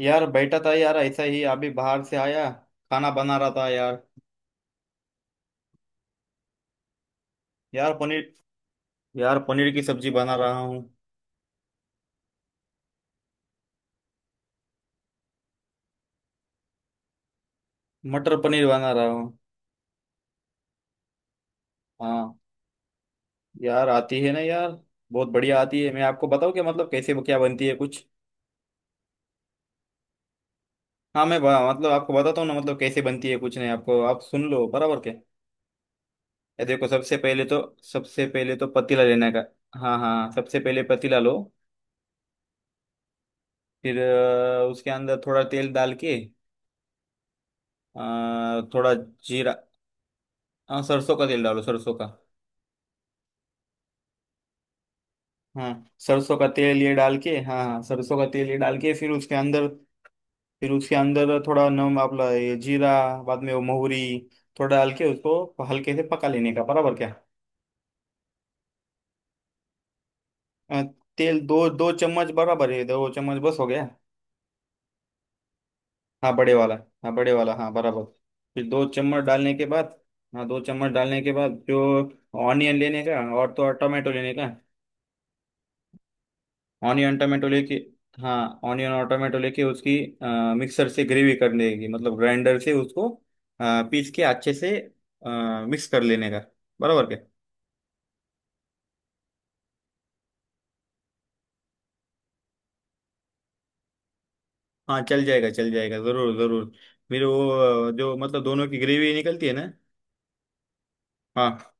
यार बैठा था यार, ऐसा ही अभी बाहर से आया। खाना बना रहा था यार। यार पनीर यार पनीर की सब्जी बना रहा हूँ। मटर पनीर बना रहा हूँ। हाँ। यार आती है ना यार। बहुत बढ़िया आती है। मैं आपको बताऊँ क्या, मतलब कैसे क्या बनती है कुछ। हाँ मैं मतलब आपको बताता हूँ ना, मतलब कैसे बनती है कुछ नहीं। आपको, आप सुन लो बराबर क्या। ये देखो सबसे पहले तो, पतीला लेने का। हाँ हाँ सबसे पहले पतीला लो। फिर उसके अंदर थोड़ा तेल डाल के, अ, थोड़ा जीरा। हाँ सरसों का तेल डालो सरसों का। हाँ सरसों का तेल ये डाल के, हाँ हाँ सरसों का तेल ये डाल के फिर उसके अंदर। थोड़ा नम आपला ये जीरा, बाद में वो मोहरी थोड़ा डाल के, उसको हल्के से पका लेने का बराबर क्या। अ, तेल दो दो चम्मच बराबर है, 2 चम्मच बस हो गया। हाँ बड़े वाला। हाँ बड़े वाला, हाँ बराबर। फिर दो चम्मच डालने के बाद, जो ऑनियन लेने का और तो और टमाटो लेने का। ऑनियन टमेटो लेके, हाँ ऑनियन और टमेटो लेके उसकी मिक्सर से ग्रेवी कर लेगी, मतलब ग्राइंडर से उसको पीस के अच्छे से मिक्स कर लेने का बराबर क्या। हाँ चल जाएगा चल जाएगा, जरूर जरूर। मेरे वो जो मतलब दोनों की ग्रेवी निकलती है ना। हाँ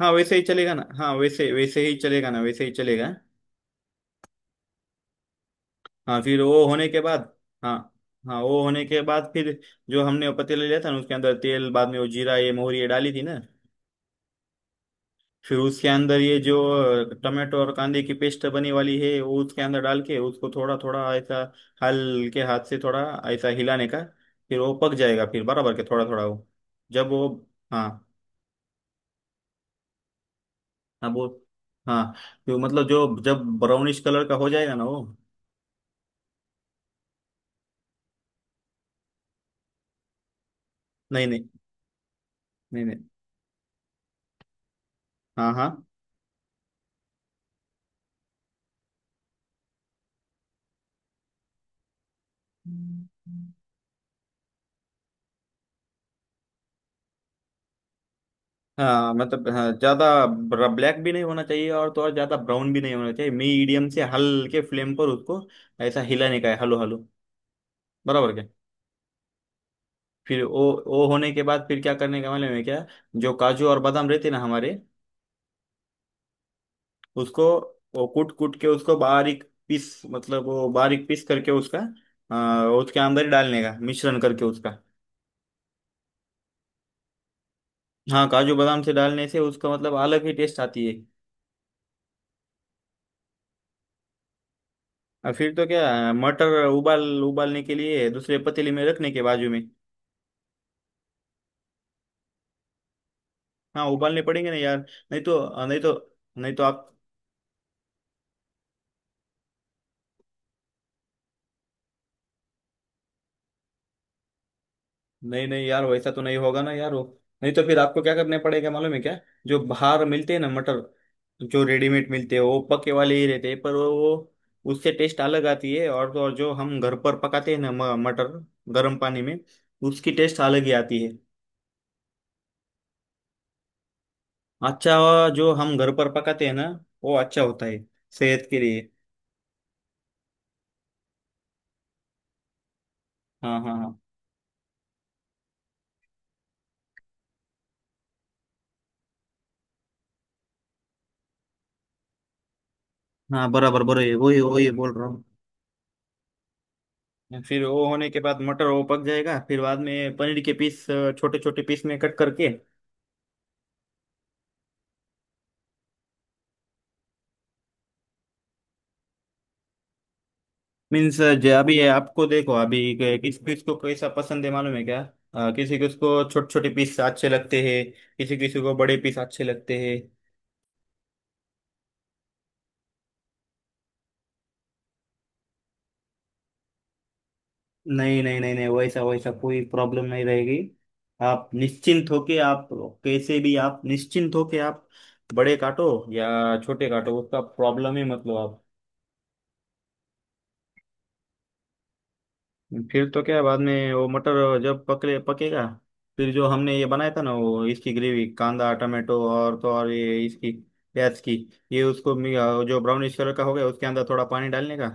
हाँ वैसे ही चलेगा ना, हाँ वैसे वैसे ही चलेगा ना वैसे ही चलेगा। हाँ फिर वो होने के बाद, हाँ हाँ वो होने के बाद फिर जो हमने पतीला लिया था ना, उसके अंदर तेल बाद में वो जीरा ये मोहरी ये डाली थी ना। फिर उसके अंदर ये जो टमाटो और कांदे की पेस्ट बनी वाली है वो उसके अंदर डाल के उसको थोड़ा थोड़ा ऐसा हल्के हाथ से थोड़ा ऐसा हिलाने का, फिर वो पक जाएगा फिर बराबर के थोड़ा थोड़ा वो जब वो हाँ अब वो। हाँ तो मतलब जो जब ब्राउनिश कलर का हो जाएगा ना वो। नहीं नहीं, नहीं नहीं। हाँ हाँ हाँ मतलब, हाँ, ज्यादा ब्लैक भी नहीं होना चाहिए और तो और ज्यादा ब्राउन भी नहीं होना चाहिए, मीडियम से हल्के फ्लेम पर उसको ऐसा हिलाने का है, हलो हलो बराबर क्या। फिर वो होने के बाद फिर क्या करने का मालूम है क्या। जो काजू और बादाम रहते ना हमारे, उसको वो कूट कूट के उसको बारीक पीस, मतलब वो बारीक पीस करके उसका उसके अंदर ही डालने का, मिश्रण करके उसका। हाँ काजू बादाम से डालने से उसका मतलब अलग ही टेस्ट आती है। और फिर तो क्या, मटर उबालने के लिए दूसरे पतीले में रखने के बाजू में। हाँ उबालने पड़ेंगे ना यार। नहीं तो, नहीं तो, आप। नहीं नहीं यार वैसा तो नहीं होगा ना यार वो। नहीं तो फिर आपको क्या करने पड़ेगा मालूम है क्या। जो बाहर मिलते हैं ना मटर, जो रेडीमेड मिलते हैं वो पके वाले ही रहते हैं, पर उससे टेस्ट अलग आती है। और तो और जो हम घर पर पकाते हैं ना मटर गर्म पानी में, उसकी टेस्ट अलग ही आती है। अच्छा जो हम घर पर पकाते हैं ना वो अच्छा होता है सेहत के लिए। हाँ हाँ हाँ। हाँ बराबर बराबर, वही वही बोल रहा हूँ। फिर वो होने के बाद मटर वो पक जाएगा, फिर बाद में पनीर के पीस छोटे छोटे पीस में कट करके। मीन्स जो अभी ये आपको देखो, अभी किस किस को कैसा पसंद है मालूम है क्या। किसी को उसको छोटे छोटे पीस अच्छे लगते हैं, किसी किसी को बड़े पीस अच्छे लगते हैं। नहीं नहीं, नहीं नहीं वैसा वैसा कोई प्रॉब्लम नहीं रहेगी। आप निश्चिंत होके आप, कैसे भी आप निश्चिंत होके आप बड़े काटो या छोटे काटो, उसका प्रॉब्लम ही मतलब आप। फिर तो क्या बाद में वो मटर जब पकले पकेगा, फिर जो हमने ये बनाया था ना वो इसकी ग्रेवी, कांदा टमाटो और तो और ये इसकी प्याज की, ये उसको जो ब्राउनिश कलर का हो गया उसके अंदर थोड़ा पानी डालने का।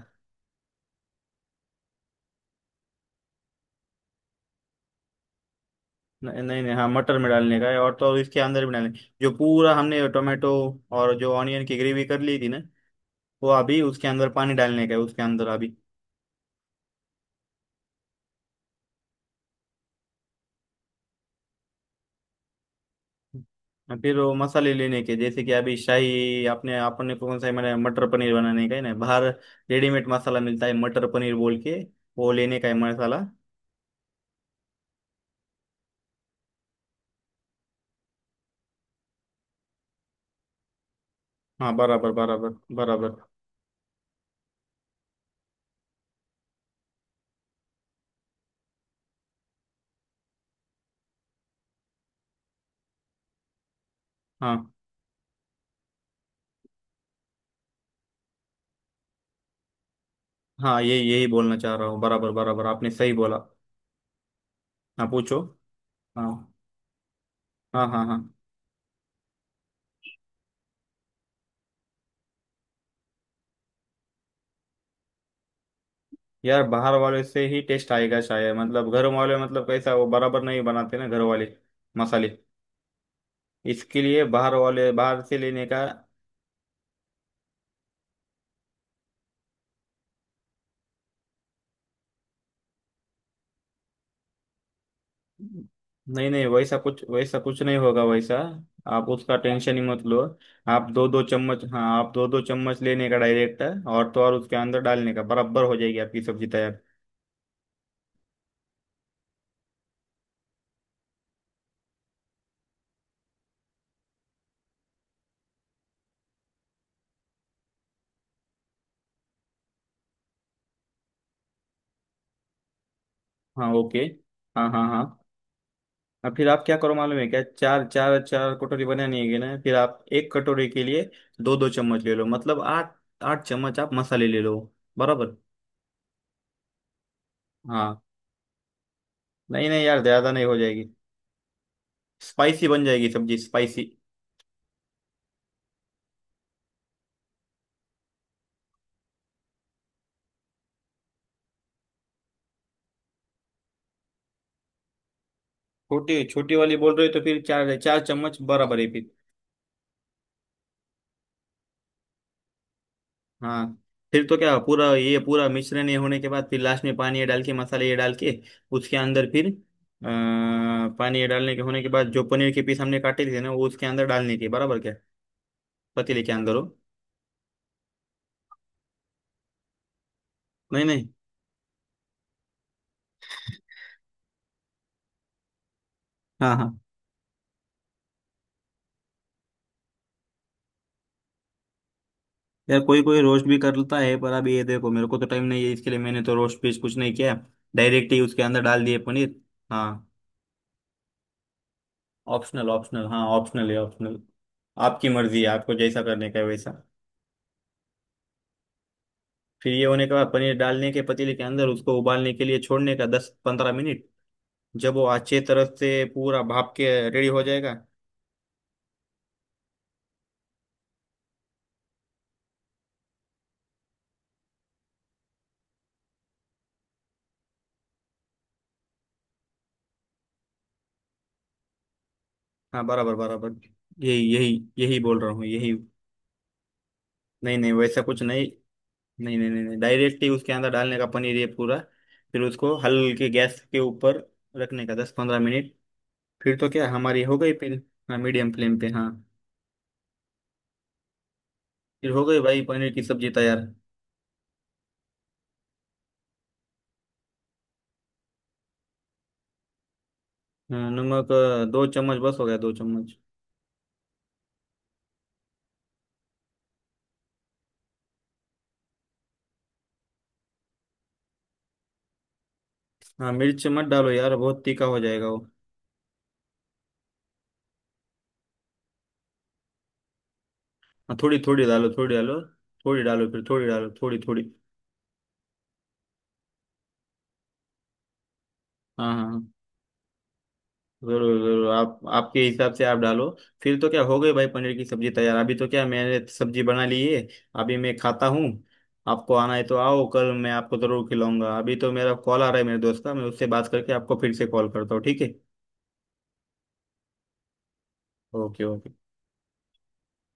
नहीं नहीं, हाँ मटर में डालने का है, और तो और इसके अंदर भी डालने जो पूरा हमने टोमेटो और जो ऑनियन की ग्रेवी कर ली थी ना, वो अभी उसके अंदर पानी डालने का है उसके अंदर अभी। हाँ, फिर वो मसाले लेने के, जैसे कि अभी शाही आपने आपने कौन सा है, मैंने मटर पनीर बनाने का है ना। बाहर रेडीमेड मसाला मिलता है मटर पनीर बोल के, वो लेने का है मसाला। हाँ बराबर बराबर, बराबर। हाँ हाँ ये यही बोलना चाह रहा हूँ, बराबर बराबर आपने सही बोला। हाँ पूछो। हाँ हाँ हाँ। हाँ यार बाहर वाले से ही टेस्ट आएगा शायद, मतलब घर वाले, मतलब कैसा वो बराबर नहीं बनाते ना घर वाले मसाले। इसके लिए बाहर वाले, बाहर से लेने का। नहीं नहीं वैसा कुछ नहीं होगा वैसा। आप उसका टेंशन ही मत लो। आप दो दो चम्मच हाँ आप दो दो चम्मच लेने का डायरेक्ट है, और तो और उसके अंदर डालने का, बराबर हो जाएगी आपकी सब्जी तैयार। हाँ ओके। हाँ हाँ हाँ। अब फिर आप क्या करो मालूम है क्या, चार चार 4 कटोरी बनानी है ना, फिर आप एक कटोरी के लिए दो दो चम्मच ले लो, मतलब आठ 8 चम्मच आप मसाले ले लो बराबर। हाँ नहीं नहीं यार ज्यादा नहीं हो जाएगी, स्पाइसी बन जाएगी सब्जी स्पाइसी। छोटी छोटी वाली बोल रहे हो तो फिर चार 4 चम्मच बराबर है फिर। हाँ फिर तो क्या पूरा ये पूरा मिश्रण ये होने के बाद फिर लास्ट में पानी ये डाल के मसाले ये डाल के उसके अंदर फिर अ, पानी ये डालने के होने के बाद, जो पनीर के पीस हमने काटे थे ना वो उसके अंदर डालने के बराबर क्या, पतीले के अंदर हो। नहीं नहीं। हाँ हाँ। यार कोई कोई रोस्ट भी करता है, पर अभी ये देखो मेरे को तो टाइम नहीं है इसके लिए, मैंने तो रोस्ट पीस कुछ नहीं किया, डायरेक्ट ही उसके अंदर डाल दिए पनीर। हाँ ऑप्शनल ऑप्शनल, हाँ ऑप्शनल है ऑप्शनल। आपकी मर्जी है, आपको जैसा करने का है वैसा। फिर ये होने के बाद पनीर डालने के पतीले के अंदर, उसको उबालने के लिए छोड़ने का 10-15 मिनट, जब वो अच्छे तरह से पूरा भाप के रेडी हो जाएगा। हाँ बराबर बराबर, यही यही यही बोल रहा हूँ यही। नहीं नहीं वैसा कुछ नहीं, नहीं नहीं, नहीं, नहीं डायरेक्टली उसके अंदर डालने का पनीर ये पूरा। फिर उसको हल्के गैस के ऊपर रखने का 10-15 मिनट, फिर तो क्या हमारी हो गई फिर। हाँ मीडियम फ्लेम पे हाँ। फिर हो गई भाई पनीर की सब्जी तैयार। हाँ, नमक 2 चम्मच बस हो गया दो चम्मच। हाँ मिर्च मत डालो यार बहुत तीखा हो जाएगा वो। हाँ थोड़ी थोड़ी डालो थोड़ी डालो। थोड़ी डालो फिर थोड़ी डालो थोड़ी थोड़ी। हाँ हाँ हाँ। जरूर जरूर, आप आपके हिसाब से आप डालो। फिर तो क्या हो गई भाई पनीर की सब्जी तैयार, अभी तो क्या मैंने सब्जी बना ली है, अभी मैं खाता हूँ। आपको आना है तो आओ, कल मैं आपको जरूर खिलाऊंगा। अभी तो मेरा कॉल आ रहा है मेरे दोस्त का, मैं उससे बात करके आपको फिर से कॉल करता हूँ, ठीक है। Okay okay.